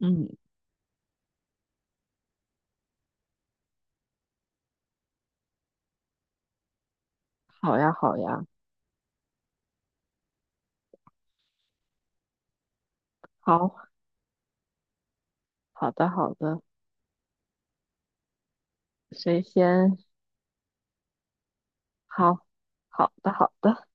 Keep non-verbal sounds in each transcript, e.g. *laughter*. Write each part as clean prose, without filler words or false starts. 嗯，好呀，好呀，好，好的，好的，谁先？好，好的，好的，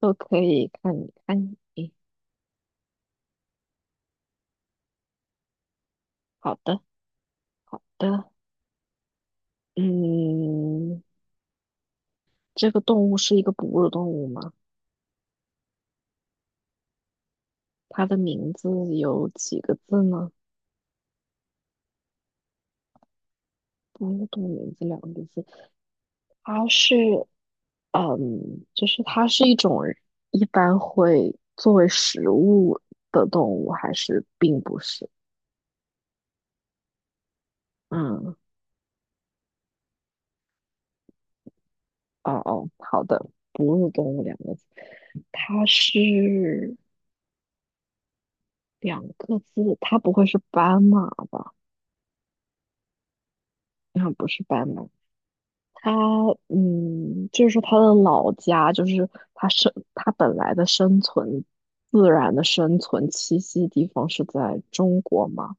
都可以看你，看你，好的，好的，嗯，这个动物是一个哺乳动物吗？它的名字有几个字呢？哺乳动物名字两个字，它是，就是它是一种一般会作为食物的动物，还是并不是？嗯。哦哦，好的，哺乳动物两个字，它是两个字，它不会是斑马吧？应该不是斑马，它就是说它的老家，就是它生它本来的生存自然的生存栖息地方是在中国吗？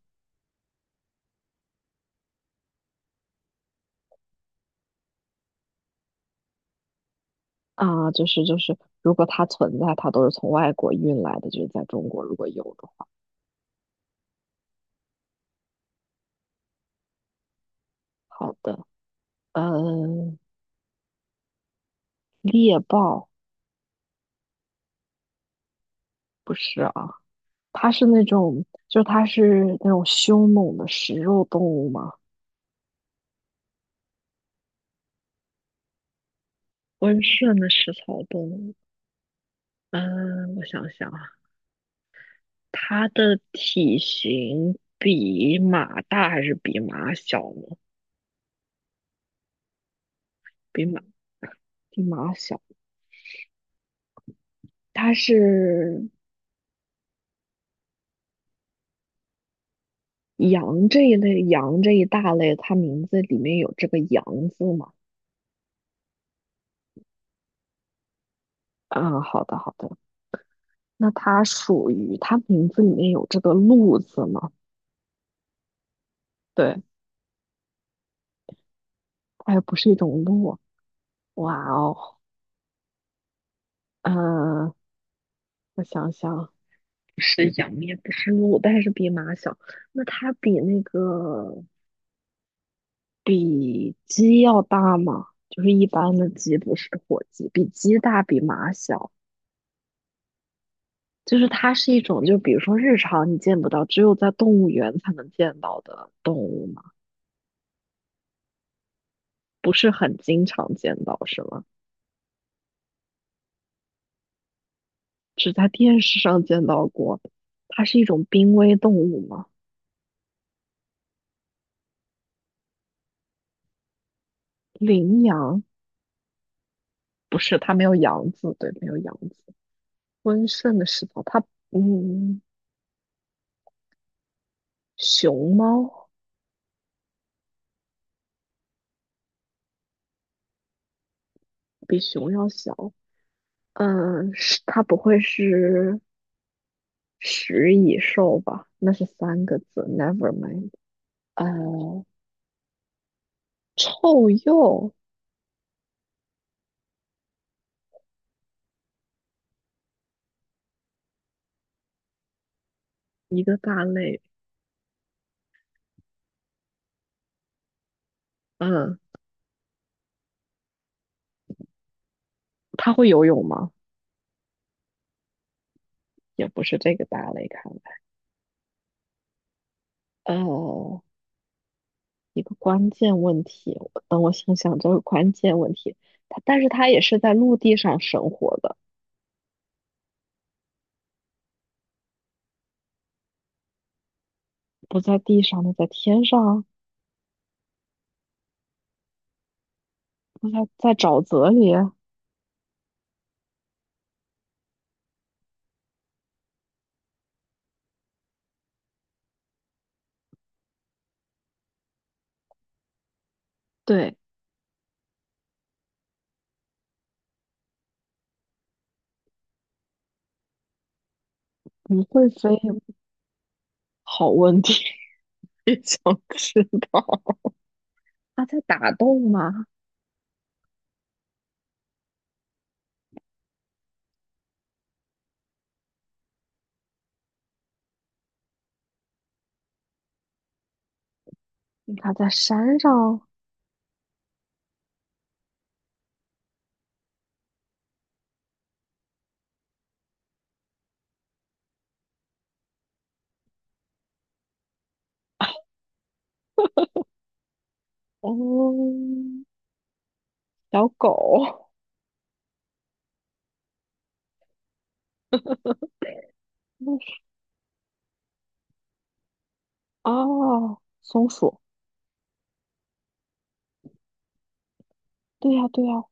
啊，就是，如果它存在，它都是从外国运来的，就是在中国如果有的话，好的，嗯，猎豹不是啊。它是那种，就它是那种凶猛的食肉动物吗？温顺的食草动物，嗯，我想想啊，它的体型比马大还是比马小呢？比马，比马小。它是羊这一类，羊这一大类，它名字里面有这个羊字吗？嗯，好的好的。那它属于它名字里面有这个鹿字吗？对，它也不是一种鹿啊。哇哦，嗯、我想想，不是羊，也不是鹿，但是比马小。那它比那个比鸡要大吗？就是一般的鸡，不是火鸡，比鸡大，比马小。就是它是一种，就比如说日常你见不到，只有在动物园才能见到的动物嘛，不是很经常见到，是吗？只在电视上见到过。它是一种濒危动物吗？羚羊不是，它没有羊字，对，没有羊字。温顺的食草，它嗯。熊猫比熊要小，是它不会是食蚁兽吧？那是三个字，never mind。呃，臭鼬一个大类，嗯，它会游泳吗？也不是这个大类，看来，呃，一个关键问题，我想想这个关键问题。但是它也是在陆地上生活的，不在地上的，在天上啊，不在在沼泽里啊。对，不会飞，好问题。也想知道。它在打洞吗？它在山上。嗯，小狗 *laughs*，那是啊，松鼠。对呀，对呀，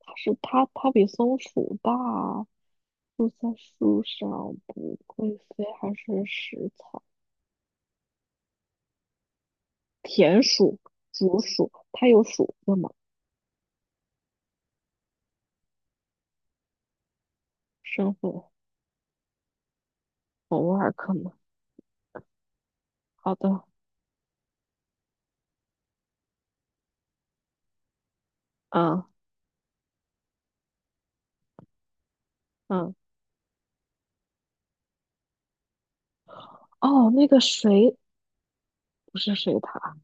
它是它，它比松鼠大，住在树上不会飞，还是食草？田鼠、竹鼠，它有鼠子吗？身份偶尔可能。好的，嗯嗯，哦，那个水不是水獭，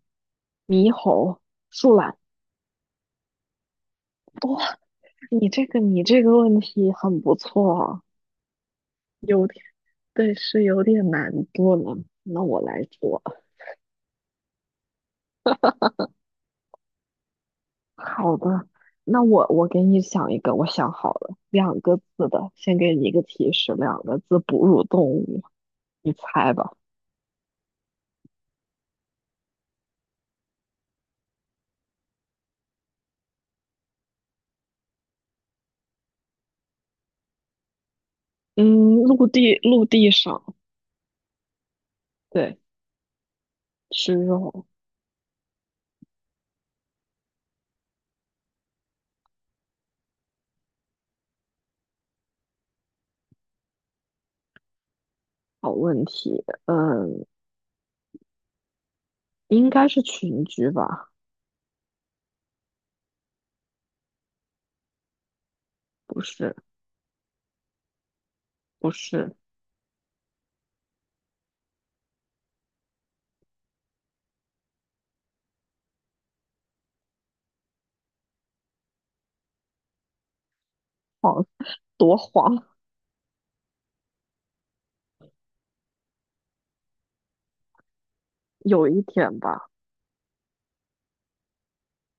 猕猴、树懒。哦，你这个问题很不错啊，有点，对，是有点难度了。那我来做，好的，那我给你想一个，我想好了，两个字的，先给你一个提示，两个字，哺乳动物，你猜吧。嗯，陆地上，对，吃肉，好问题，应该是群居吧？不是，不是，黄，多黄，有一点吧。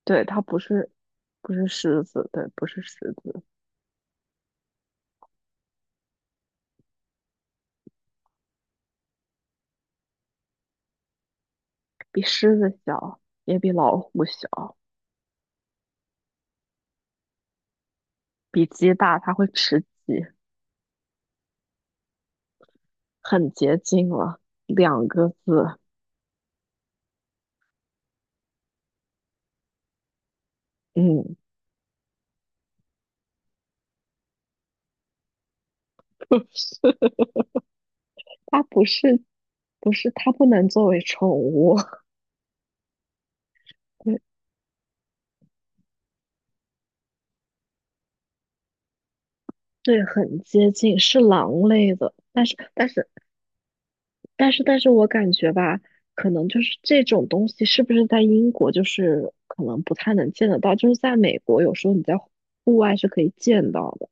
对，它不是不是狮子，对，不是狮子，比狮子小，也比老虎小，比鸡大，它会吃鸡，很接近了，两个字，嗯，*laughs* 不是，它不是不是，它不能作为宠物，*laughs* 对，对，很接近，是狼类的，但是我感觉吧，可能就是这种东西是不是在英国就是可能不太能见得到，就是在美国有时候你在户外是可以见到的。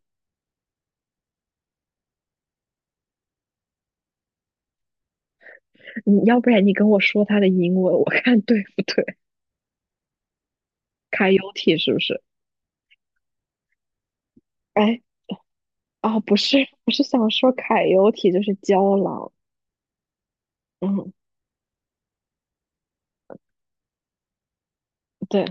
你要不然你跟我说它的英文，我 *laughs* 看对不对凯尤体是不是？哎，哦，不是，我是想说凯尤体就是郊狼。嗯，对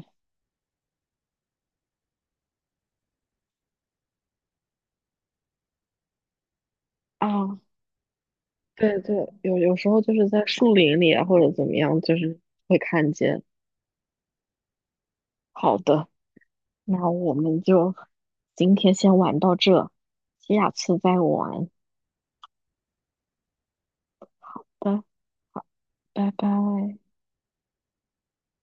啊，对对，有时候就是在树林里啊，或者怎么样，就是会看见。好的，那我们就今天先玩到这，下次再玩。拜拜拜。